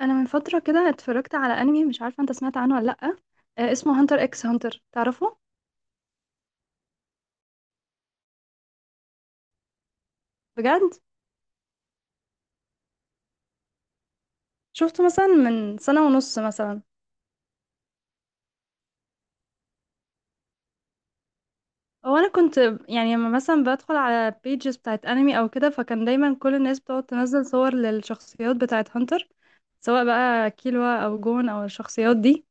انا من فتره كده اتفرجت على انمي، مش عارفه انت سمعت عنه ولا لا؟ آه، اسمه هانتر اكس هانتر، تعرفه؟ بجد؟ شفته مثلا من سنه ونص مثلا. هو انا كنت يعني لما مثلا بدخل على بيجز بتاعت انمي او كده، فكان دايما كل الناس بتقعد تنزل صور للشخصيات بتاعت هانتر، سواء بقى كيلوا او جون او الشخصيات دي.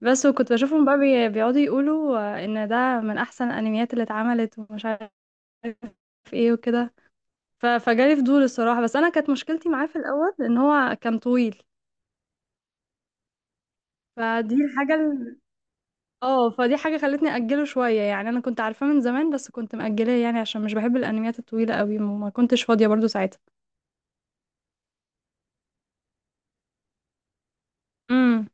بس وكنت بشوفهم بقى بيقعدوا يقولوا ان ده من احسن الانميات اللي اتعملت ومش عارف ايه وكده. فجالي فضول الصراحة، بس أنا كانت مشكلتي معاه في الأول إن هو كان طويل. فدي الحاجة ال... اه فدي حاجة خلتني أجله شوية، يعني أنا كنت عارفاه من زمان بس كنت مأجلاه، يعني عشان مش بحب الأنميات الطويلة قوي وما كنتش فاضية برضو ساعتها. امم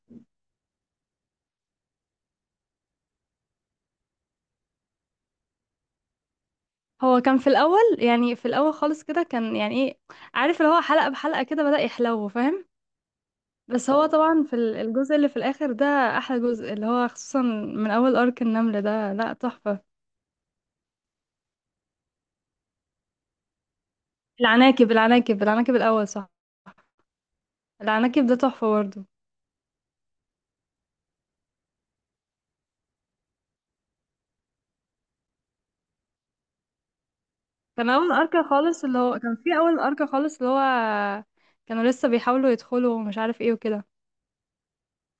هو كان في الأول، يعني في الأول خالص كده كان يعني إيه؟ عارف اللي هو حلقة بحلقة كده بدأ يحلو، فاهم؟ بس هو طبعا في الجزء اللي في الآخر ده أحلى جزء، اللي هو خصوصا من أول أرك النملة، ده لأ تحفة. العناكب، العناكب، العناكب الأول صح. العناكب ده تحفة برضو. كان في اول اركا خالص، اللي هو كانوا لسه بيحاولوا يدخلوا ومش عارف ايه وكده.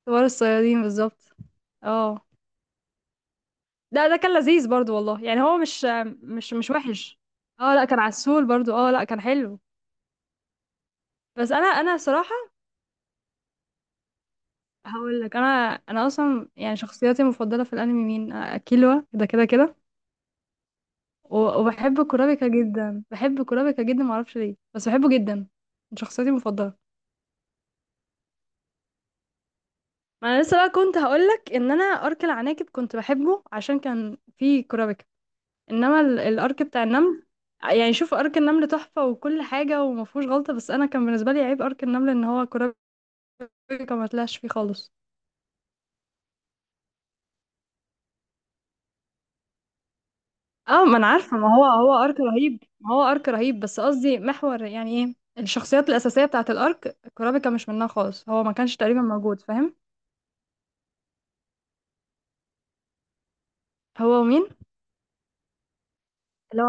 كبار الصيادين بالظبط. اه لا، ده كان لذيذ برضو والله، يعني هو مش مش وحش. اه لا، كان عسول برضو. اه لا، كان حلو. بس انا صراحة هقول لك. انا اصلا يعني شخصياتي المفضلة في الانمي مين؟ كيلوا ده كده كده. وبحب كورابيكا جدا، بحب كورابيكا جدا، معرفش ليه بس بحبه جدا. من شخصياتي المفضلة. ما انا لسه بقى كنت هقولك ان انا ارك العناكب كنت بحبه عشان كان فيه كرابكه. انما الارك بتاع النمل، يعني شوف ارك النمل تحفه وكل حاجه وما فيهوش غلطه، بس انا كان بالنسبه لي عيب ارك النمل ان هو كرابكه ما طلعش فيه خالص. اه ما انا عارفه، ما هو ارك رهيب، ما هو ارك رهيب، بس قصدي محور يعني ايه الشخصيات الاساسيه بتاعه الارك، كرابكه مش منها خالص، هو ما كانش تقريبا موجود، فاهم؟ هو مين؟ اللي هو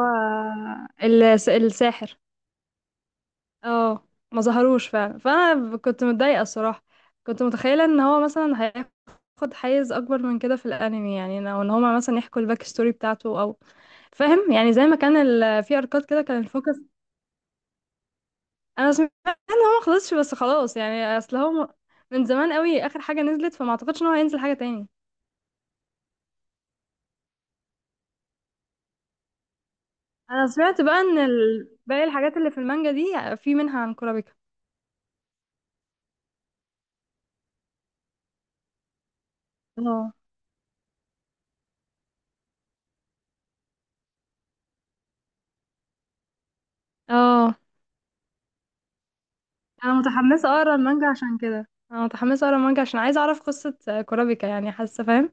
الساحر. اه ما ظهروش فعلا، فانا كنت متضايقه الصراحه. كنت متخيله ان هو مثلا هياخد حيز اكبر من كده في الانمي، يعني او ان هما مثلا يحكوا الباك ستوري بتاعته، او فاهم يعني؟ زي ما كان في اركات كده كان الفوكس. انا سمعت ان هو ما خلصش، بس خلاص يعني، اصل هو من زمان قوي اخر حاجه نزلت، فما اعتقدش ان هو هينزل حاجه تاني. انا سمعت بقى ان باقي الحاجات اللي في المانجا دي في منها عن كورابيكا. اه. اه، انا متحمسه اقرا المانجا عشان كده، انا متحمسه اقرا المانجا عشان عايزه اعرف قصه كورابيكا، يعني حاسه، فاهم؟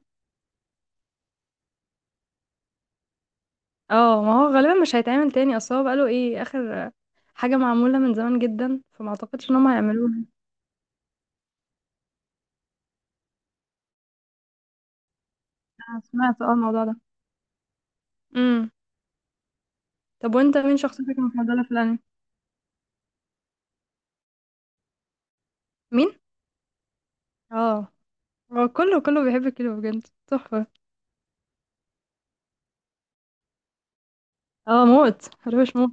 اه ما هو غالبا مش هيتعمل تاني، اصل هو بقاله ايه اخر حاجه معموله من زمان جدا، فما اعتقدش ان هم هيعملوها. انا سمعت اه الموضوع ده. امم. طب وانت مين شخصيتك المفضله في الانمي؟ مين؟ اه، هو كله كله بيحب كيلو، بجد تحفه. اه موت، مش موت.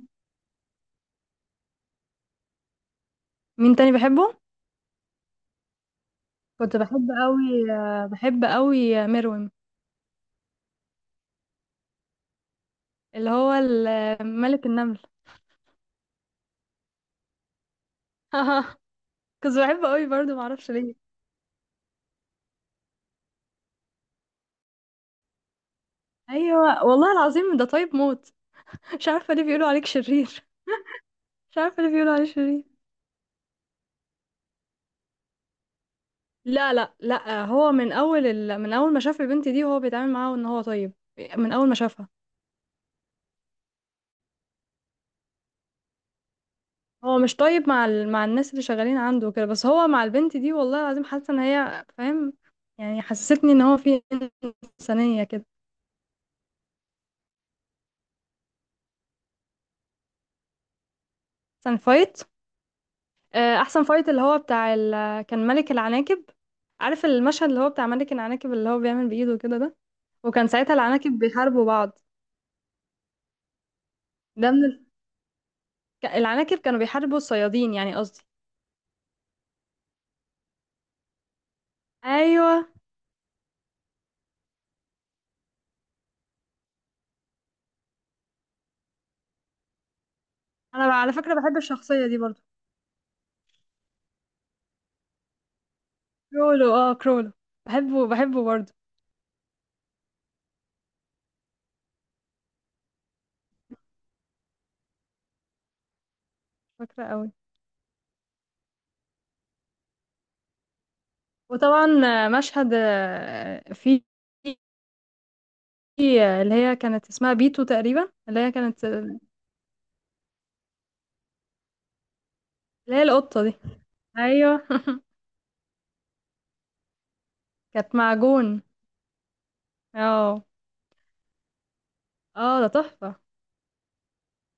مين تاني بحبه؟ كنت بحب قوي، بحب قوي مروم. اللي هو ملك النمل. كنت بحبه قوي برضه، معرفش ليه. ايوه والله العظيم، ده طيب موت، مش عارفه ليه بيقولوا عليك شرير. مش عارفه ليه بيقولوا عليه شرير. لا لا لا، هو من اول من اول ما شاف البنت دي هو بيتعامل معاها ان هو طيب. من اول ما شافها. هو مش طيب مع مع الناس اللي شغالين عنده كده، بس هو مع البنت دي والله العظيم حاسه ان هي، فاهم يعني؟ حسستني ان هو في انسانيه كده. احسن فايت؟ احسن فايت اللي هو بتاع كان ملك العناكب. عارف المشهد اللي هو بتاع ملك العناكب اللي هو بيعمل بايده كده ده؟ وكان ساعتها العناكب بيحاربوا بعض. ده من العناكب كانوا بيحاربوا الصيادين، يعني قصدي. ايوه. انا بقى على فكره بحب الشخصيه دي برضو. كرولو، اه كرولو. بحبه، بحبه برضو. فاكره قوي. وطبعا مشهد في في، اللي هي كانت اسمها بيتو تقريبا، اللي هي كانت، اللي هي القطه دي. ايوه. كانت معجون. اه. اه ده تحفه.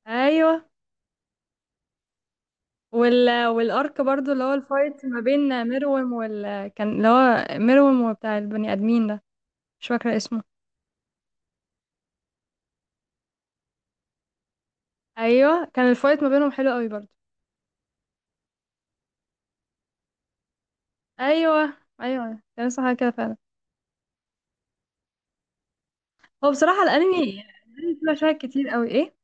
ايوه. والارك برضو اللي هو الفايت ما بين ميروم كان اللي هو ميروم وبتاع البني ادمين ده. مش فاكره اسمه. ايوه كان الفايت ما بينهم حلو قوي برضه. ايوه ايوه كان لسه حاجه كده فعلا. هو بصراحه الانمي فيه مشاهد كتير قوي ايه.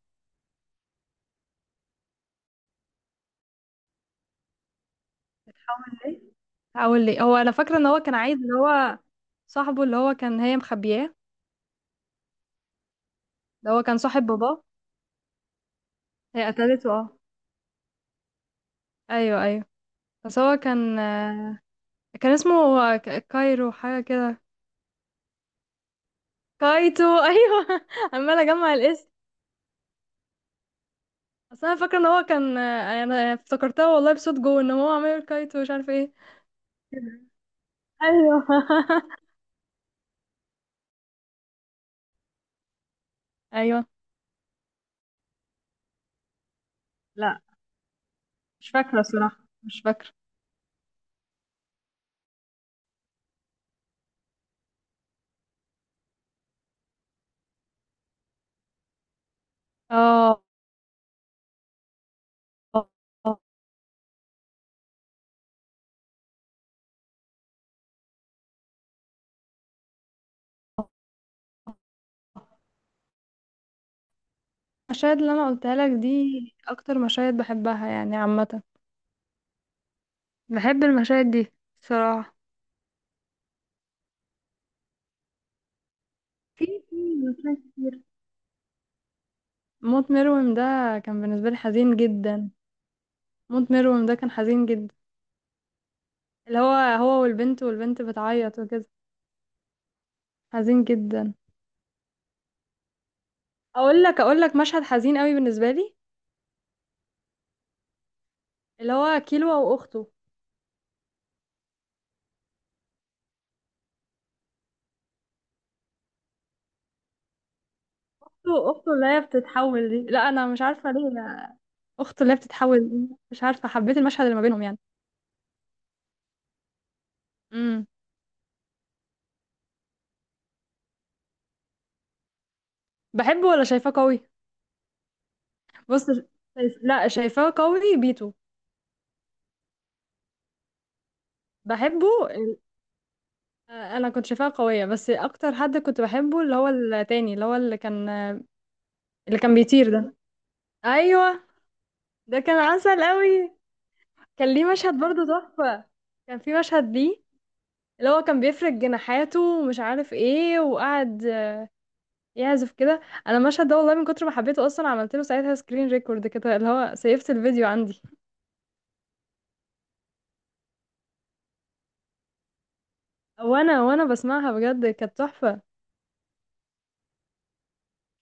هقول لي. هو انا فاكره ان هو كان عايز اللي هو صاحبه، اللي هو كان هي مخبياه. ده هو كان صاحب باباه. هي قتلته، اه. ايوه ايوه. بس هو كان كان اسمه كايرو، حاجه كده. كايتو ايوه. عماله اجمع الاسم. اصل انا فاكره ان هو كان انا افتكرتها والله بصوت جو، ان هو عمال يقول كايتو مش عارف ايه كده. ايوه. ايوه. لا مش فاكرة صراحة، مش فاكرة. اه، المشاهد اللي انا قلتها لك دي اكتر مشاهد بحبها يعني عامه. بحب المشاهد دي صراحه. في في مشاهد كتير. موت مروم ده كان بالنسبه لي حزين جدا. موت مروم ده كان حزين جدا. اللي هو هو والبنت، والبنت بتعيط وكده. حزين جدا. اقول لك، اقول لك مشهد حزين قوي بالنسبه لي. اللي هو كيلو واخته. أخته، أخته اللي هي بتتحول دي، لا انا مش عارفه ليه لا. اخته اللي هي بتتحول دي، مش عارفه، حبيت المشهد اللي ما بينهم يعني. امم. بحبه ولا شايفاه قوي؟ بص. لا، شايفاه قوي بيتو. بحبه انا كنت شايفاه قوية، بس اكتر حد كنت بحبه اللي هو التاني، اللي هو اللي كان بيطير ده. ايوه. ده كان عسل قوي. كان ليه مشهد برضه تحفة. كان في مشهد ليه اللي هو كان بيفرد جناحاته ومش عارف ايه، وقعد يعزف كده. انا المشهد ده والله من كتر ما حبيته اصلا عملت له ساعتها سكرين ريكورد كده، اللي هو سيفت الفيديو عندي. وانا بسمعها بجد كانت تحفة.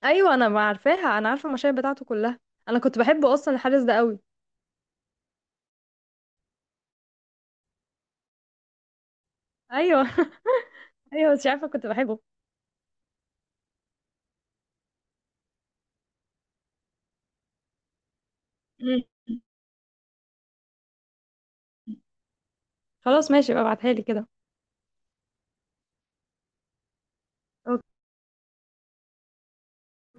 ايوه انا ما عارفاها، انا عارفه المشاهد بتاعته كلها. انا كنت بحبه اصلا الحارس ده قوي. ايوه. ايوه مش عارفه كنت بحبه. مم. خلاص ماشي بقى، ابعتها لي كده.